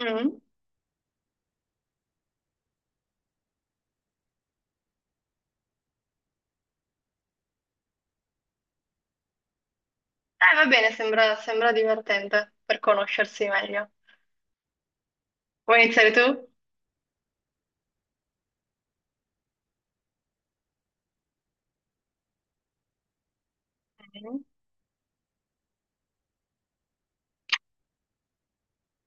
Mm. Va bene, sembra divertente per conoscersi meglio. Vuoi iniziare tu? Mm.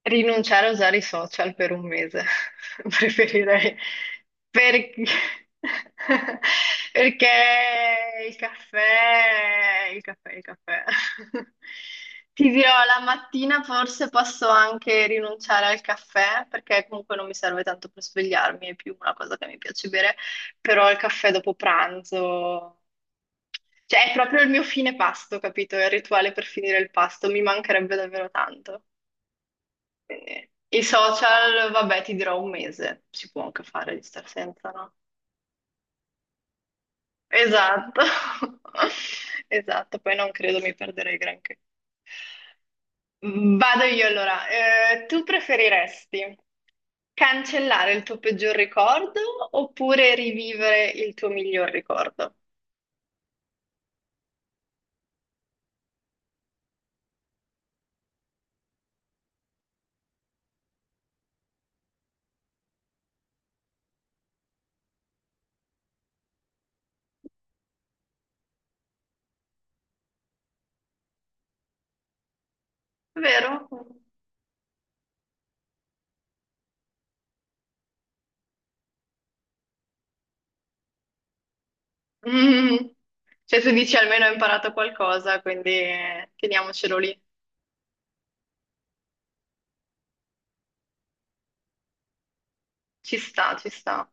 Rinunciare a usare i social per un mese, preferirei. Perché... Perché il caffè, il caffè, il caffè. Ti dirò, la mattina forse posso anche rinunciare al caffè, perché comunque non mi serve tanto per svegliarmi, è più una cosa che mi piace bere, però il caffè dopo pranzo. Cioè, è proprio il mio fine pasto, capito? È il rituale per finire il pasto, mi mancherebbe davvero tanto. Quindi, i social, vabbè, ti dirò un mese, si può anche fare di star senza, no? Esatto, esatto, poi non credo mi perderei granché. Vado io allora. Tu preferiresti cancellare il tuo peggior ricordo oppure rivivere il tuo miglior ricordo? Vero? Mm. Cioè, tu dici almeno ho imparato qualcosa, quindi teniamocelo lì. Ci sta, ci sta.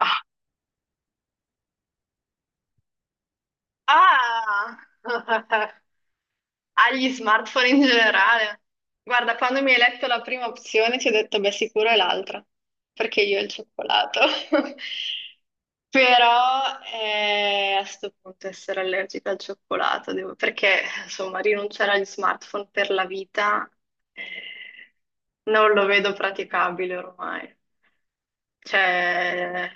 Ah. Ah! Agli smartphone in generale. Guarda, quando mi hai letto la prima opzione ti ho detto, beh, sicuro è l'altra, perché io il cioccolato. Però a sto punto essere allergica al cioccolato, perché insomma rinunciare agli smartphone per la vita eh, non lo vedo praticabile ormai. Cioè,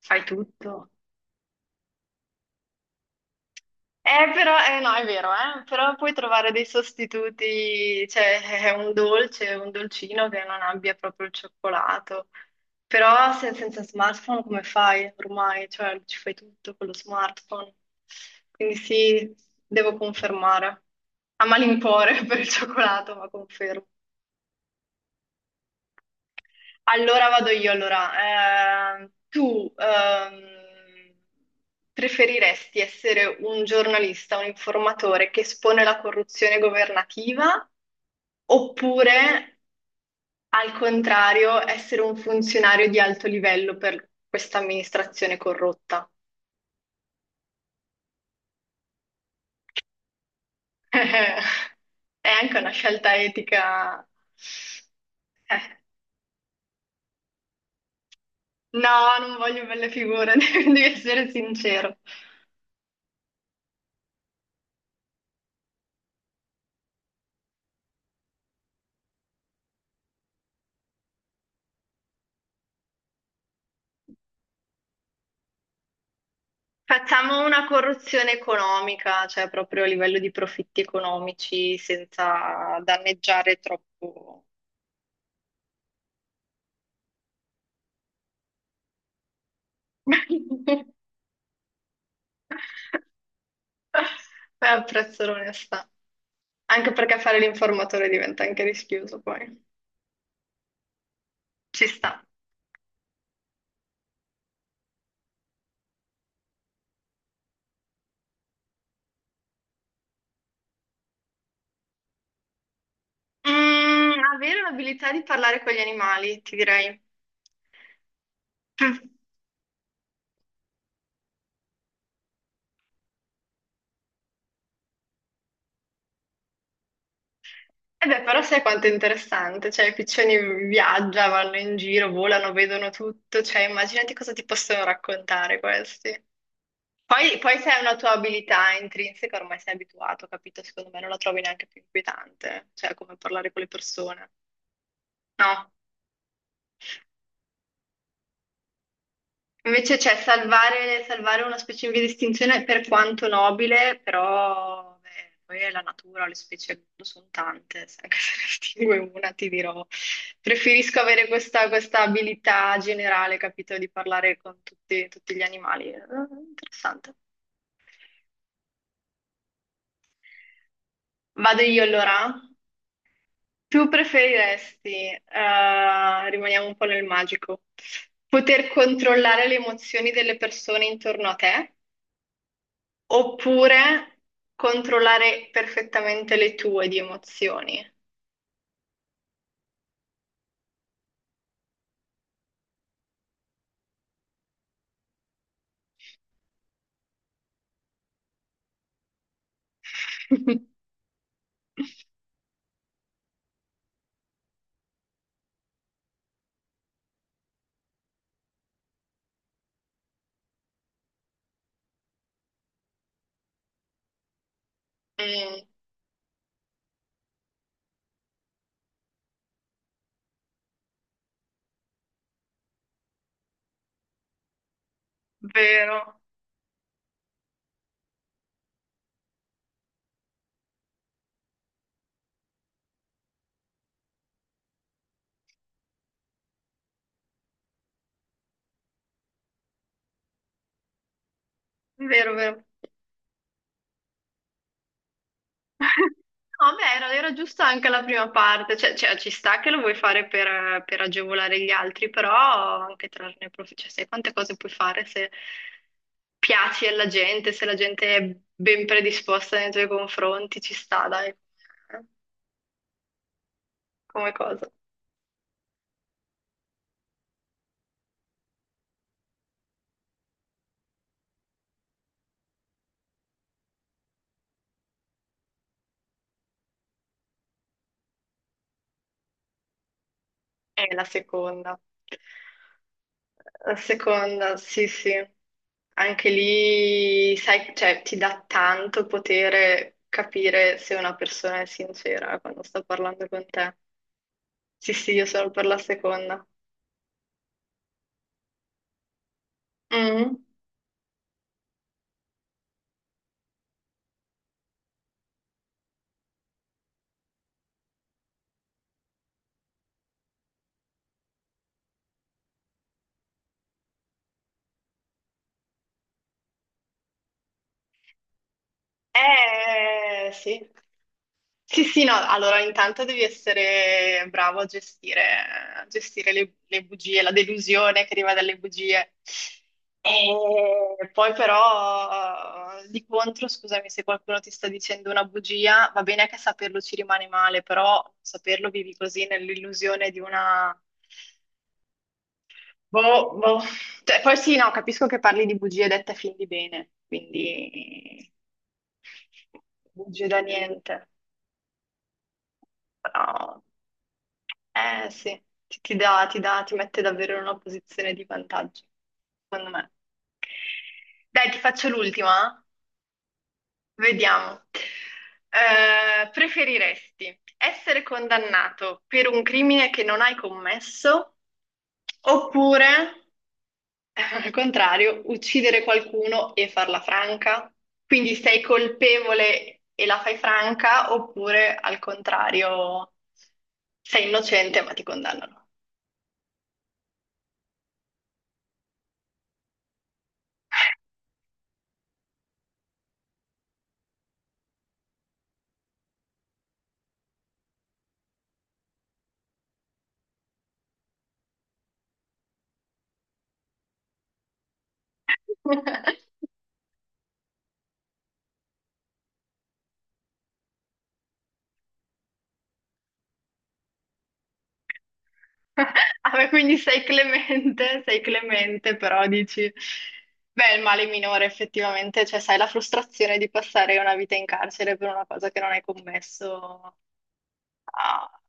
fai tutto. Però, no, è vero, però puoi trovare dei sostituti, cioè è un dolce, un dolcino che non abbia proprio il cioccolato. Però senza smartphone come fai ormai? Cioè ci fai tutto con lo smartphone. Quindi sì, devo confermare. A malincuore per il cioccolato, ma confermo. Allora vado io, allora. Tu preferiresti essere un giornalista, un informatore che espone la corruzione governativa oppure, al contrario, essere un funzionario di alto livello per questa amministrazione corrotta? È anche una scelta etica. Eh, No, non voglio belle figure, devi essere sincero. Facciamo una corruzione economica, cioè proprio a livello di profitti economici, senza danneggiare troppo. Beh, apprezzo l'onestà. Anche perché fare l'informatore diventa anche rischioso poi. Ci sta. Mm, avere l'abilità di parlare con gli animali, ti direi. E beh, però sai quanto è interessante, cioè i piccioni viaggiano, vanno in giro, volano, vedono tutto, cioè immaginati cosa ti possono raccontare questi. Poi se è una tua abilità intrinseca, ormai sei abituato, capito? Secondo me non la trovi neanche più inquietante, cioè come parlare con le persone. No. Invece c'è salvare una specifica distinzione per quanto nobile, però beh, poi è la natura, le specie al mondo sono tante, se anche se ne distingue una ti dirò, preferisco avere questa abilità generale, capito? Di parlare con tutti, tutti gli animali. Interessante. Vado io allora? Tu preferiresti, rimaniamo un po' nel magico, poter controllare le emozioni delle persone intorno a te oppure controllare perfettamente le tue di emozioni? Mm, vero, vero, vero. No, beh, era giusta anche la prima parte, cioè, ci sta che lo vuoi fare per agevolare gli altri, però anche trarne profitto, cioè, sai quante cose puoi fare se piaci alla gente, se la gente è ben predisposta nei tuoi confronti, ci sta, dai, come cosa. È la seconda. La seconda, sì, sì. Anche lì, sai, cioè, ti dà tanto potere capire se una persona è sincera quando sta parlando con te. Sì, sì, io sono per la seconda. Mm. Sì. Sì, sì, no, allora intanto devi essere bravo a gestire le bugie, la delusione che arriva dalle bugie. E poi però, di contro, scusami, se qualcuno ti sta dicendo una bugia, va bene che saperlo ci rimane male, però saperlo vivi così nell'illusione di una... Boh, boh. Cioè, poi sì, no, capisco che parli di bugie dette a fin di bene, quindi bugie da niente, però... Eh sì, ti dà, ti mette davvero in una posizione di vantaggio, secondo me. Dai, ti faccio l'ultima? Eh? Vediamo. Preferiresti essere condannato per un crimine che non hai commesso oppure, al contrario, uccidere qualcuno e farla franca? Quindi sei colpevole e la fai franca oppure, al contrario, sei innocente ma ti condannano? Vabbè, quindi sei clemente, però dici, beh, il male minore effettivamente, cioè sai la frustrazione di passare una vita in carcere per una cosa che non hai commesso, ah,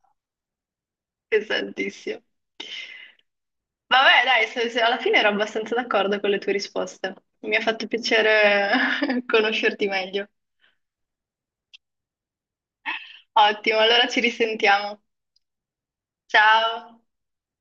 pesantissimo. Vabbè, dai, alla fine ero abbastanza d'accordo con le tue risposte. Mi ha fatto piacere conoscerti meglio. Ottimo, allora ci risentiamo. Ciao!